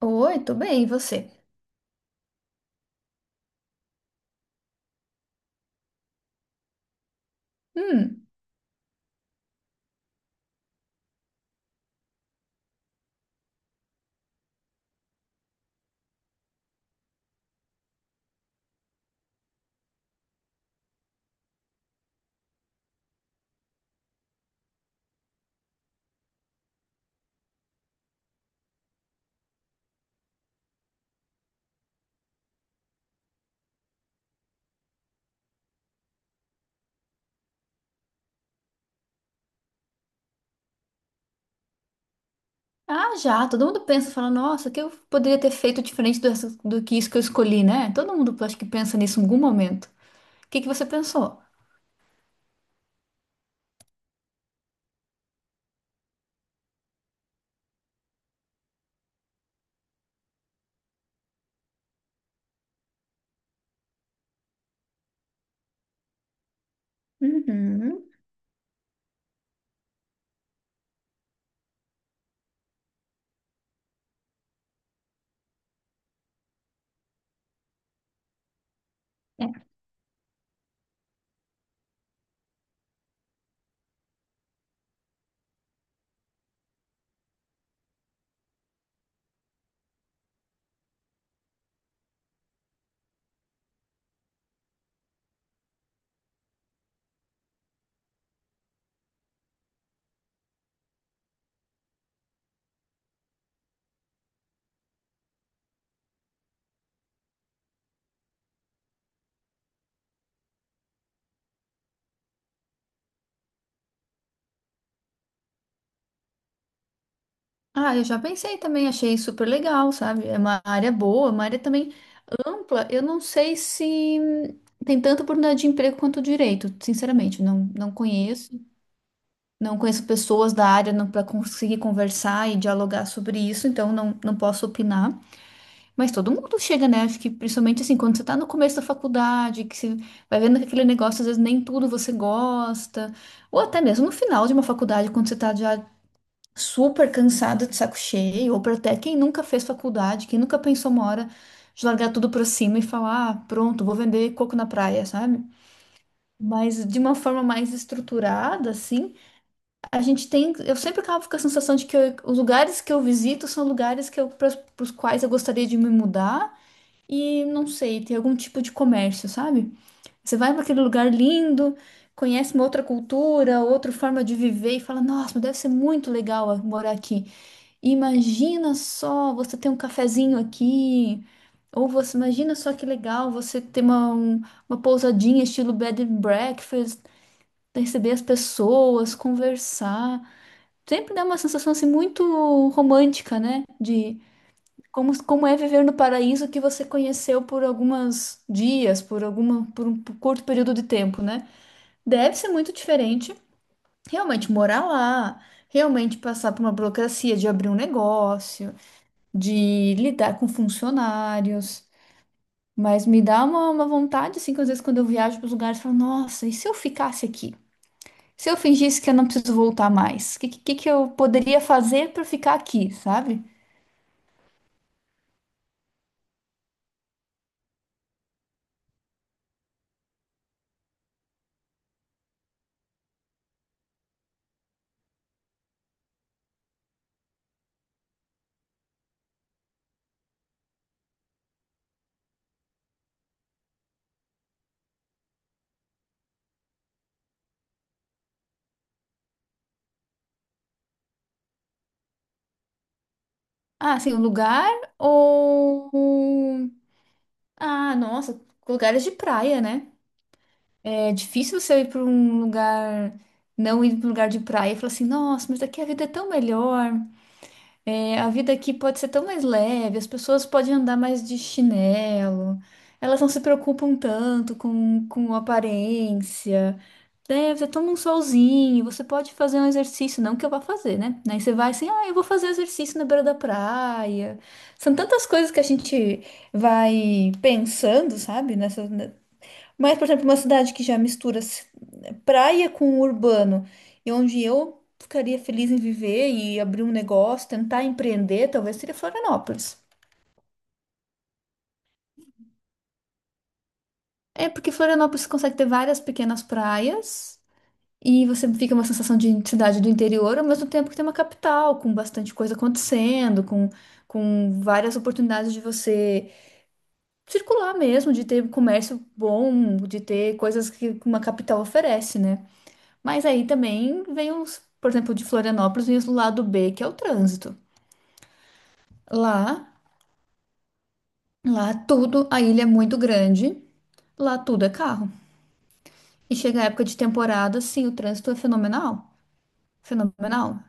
Oi, tô bem, e você? Hum. Ah, já, todo mundo pensa, fala, nossa, o que eu poderia ter feito diferente do que isso que eu escolhi, né? Todo mundo acho que pensa nisso em algum momento. O que que você pensou? Uhum. É. Ah, eu já pensei também, achei super legal, sabe? É uma área boa, uma área também ampla. Eu não sei se tem tanta oportunidade de emprego quanto direito, sinceramente, não, não conheço. Não conheço pessoas da área para conseguir conversar e dialogar sobre isso, então não, não posso opinar. Mas todo mundo chega, né? Acho que principalmente assim, quando você tá no começo da faculdade, que você vai vendo que aquele negócio, às vezes nem tudo você gosta, ou até mesmo no final de uma faculdade, quando você tá já super cansada de saco cheio, ou pra até quem nunca fez faculdade, quem nunca pensou uma hora de largar tudo pra cima e falar, ah, pronto, vou vender coco na praia, sabe? Mas de uma forma mais estruturada, assim, a gente tem. Eu sempre acabo com a sensação de que os lugares que eu visito são lugares para os quais eu gostaria de me mudar e não sei, tem algum tipo de comércio, sabe? Você vai para aquele lugar lindo, conhece uma outra cultura, outra forma de viver e fala: Nossa, mas deve ser muito legal, morar aqui. Imagina só você ter um cafezinho aqui. Ou você imagina só que legal você ter uma pousadinha estilo bed and breakfast, receber as pessoas, conversar. Sempre dá uma sensação assim muito romântica, né? De como é viver no paraíso que você conheceu por alguns dias, por um curto período de tempo, né? Deve ser muito diferente realmente morar lá, realmente passar por uma burocracia de abrir um negócio, de lidar com funcionários. Mas me dá uma vontade, assim, que às vezes quando eu viajo para os lugares, eu falo, nossa, e se eu ficasse aqui? Se eu fingisse que eu não preciso voltar mais? O que que eu poderia fazer para ficar aqui, sabe? Ah, assim, o lugar ou um? Ah, nossa, lugares de praia, né? É difícil você ir para um lugar, não ir para um lugar de praia e falar assim, nossa, mas daqui a vida é tão melhor, é, a vida aqui pode ser tão mais leve, as pessoas podem andar mais de chinelo, elas não se preocupam tanto com aparência, né? Você toma um solzinho, você pode fazer um exercício, não que eu vá fazer, né? Aí você vai assim, ah, eu vou fazer exercício na beira da praia. São tantas coisas que a gente vai pensando, sabe, nessa, mas, por exemplo, uma cidade que já mistura praia com urbano, e onde eu ficaria feliz em viver e abrir um negócio, tentar empreender, talvez seria Florianópolis. É porque Florianópolis consegue ter várias pequenas praias e você fica uma sensação de cidade do interior, ao mesmo tempo que tem uma capital com bastante coisa acontecendo, com várias oportunidades de você circular mesmo, de ter comércio bom, de ter coisas que uma capital oferece, né? Mas aí também vem os, por exemplo, de Florianópolis e o lado B, que é o trânsito. Lá, lá tudo, a ilha é muito grande, lá tudo é carro. E chega a época de temporada, sim, o trânsito é fenomenal. Fenomenal.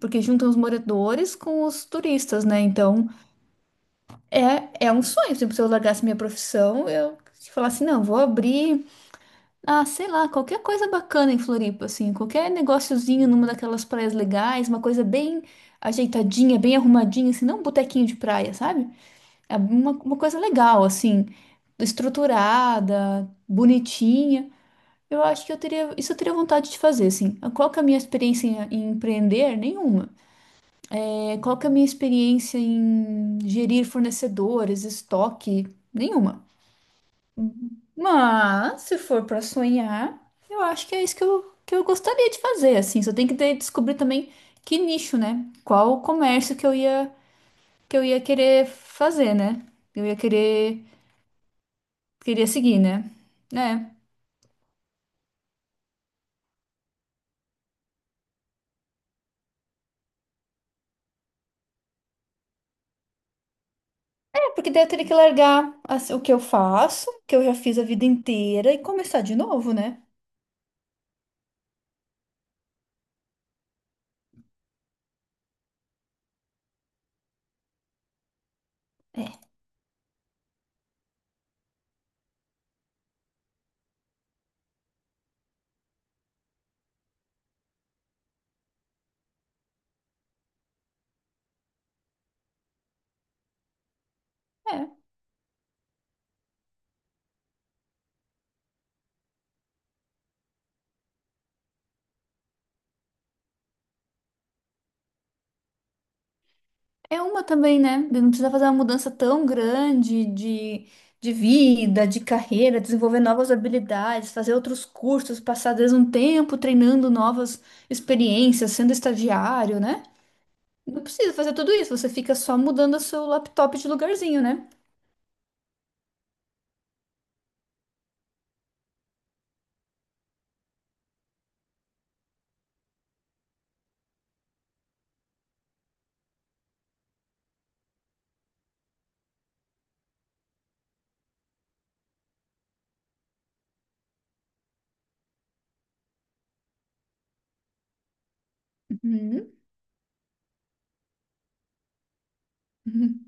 Porque juntam os moradores com os turistas, né? Então, é um sonho. Tipo, se eu largasse minha profissão, eu falasse, não, vou abrir. Ah, sei lá, qualquer coisa bacana em Floripa, assim, qualquer negóciozinho numa daquelas praias legais, uma coisa bem ajeitadinha, bem arrumadinha, assim, não um botequinho de praia, sabe? É uma coisa legal, assim, estruturada, bonitinha. Eu acho que isso eu teria vontade de fazer, assim. Ah, qual que é a minha experiência em empreender? Nenhuma. É, qual que é a minha experiência em gerir fornecedores, estoque? Nenhuma. Mas, se for para sonhar, eu acho que é isso que eu gostaria de fazer, assim. Só tem que descobrir também que nicho, né? Qual comércio que eu ia querer fazer, né? Eu ia querer, queria seguir, né? É. É, porque daí eu teria que largar assim, o que eu faço, que eu já fiz a vida inteira, e começar de novo, né? É. É uma também, né? De Não precisa fazer uma mudança tão grande de vida, de carreira, desenvolver novas habilidades, fazer outros cursos, passar às vezes um tempo treinando novas experiências, sendo estagiário, né? Não precisa fazer tudo isso, você fica só mudando o seu laptop de lugarzinho, né? Uhum, uhum.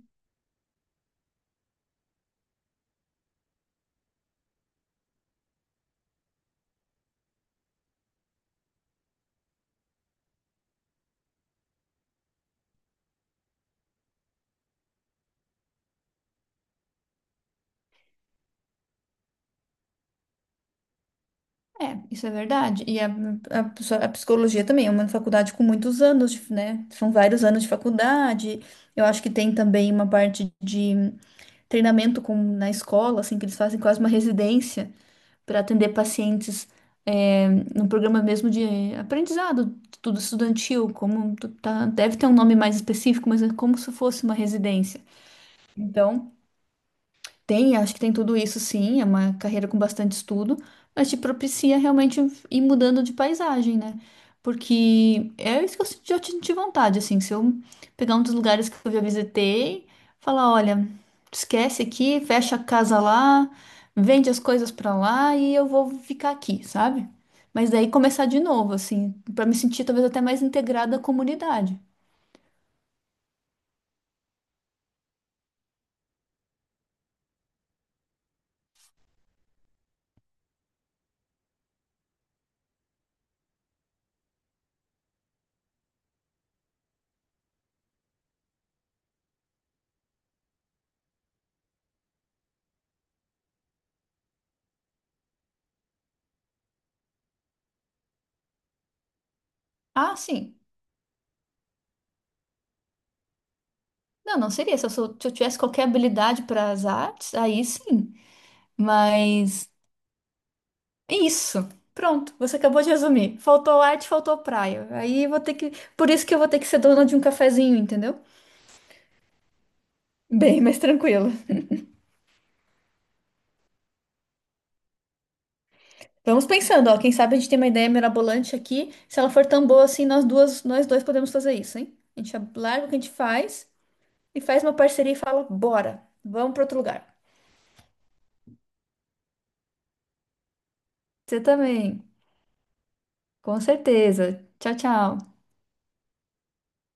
É, isso é verdade. E a psicologia também é uma faculdade com muitos anos, né? São vários anos de faculdade. Eu acho que tem também uma parte de treinamento na escola, assim, que eles fazem quase uma residência para atender pacientes, é, num programa mesmo de aprendizado, tudo estudantil, como tá, deve ter um nome mais específico, mas é como se fosse uma residência. Então, acho que tem tudo isso sim, é uma carreira com bastante estudo, mas te propicia realmente ir mudando de paisagem, né? Porque é isso que eu senti vontade, assim, se eu pegar um dos lugares que eu já visitei, falar, olha, esquece aqui, fecha a casa lá, vende as coisas pra lá e eu vou ficar aqui, sabe? Mas daí começar de novo, assim, pra me sentir talvez até mais integrada à comunidade. Ah, sim. Não, não seria. Se eu tivesse qualquer habilidade para as artes, aí sim. Mas é isso. Pronto, você acabou de resumir. Faltou arte, faltou praia. Aí eu vou ter que. Por isso que eu vou ter que ser dona de um cafezinho, entendeu? Bem, mas tranquilo. Vamos pensando, ó. Quem sabe a gente tem uma ideia mirabolante aqui. Se ela for tão boa assim, nós duas, nós dois podemos fazer isso, hein? A gente larga o que a gente faz e faz uma parceria e fala: bora, vamos para outro lugar. Você também, com certeza. Tchau, tchau.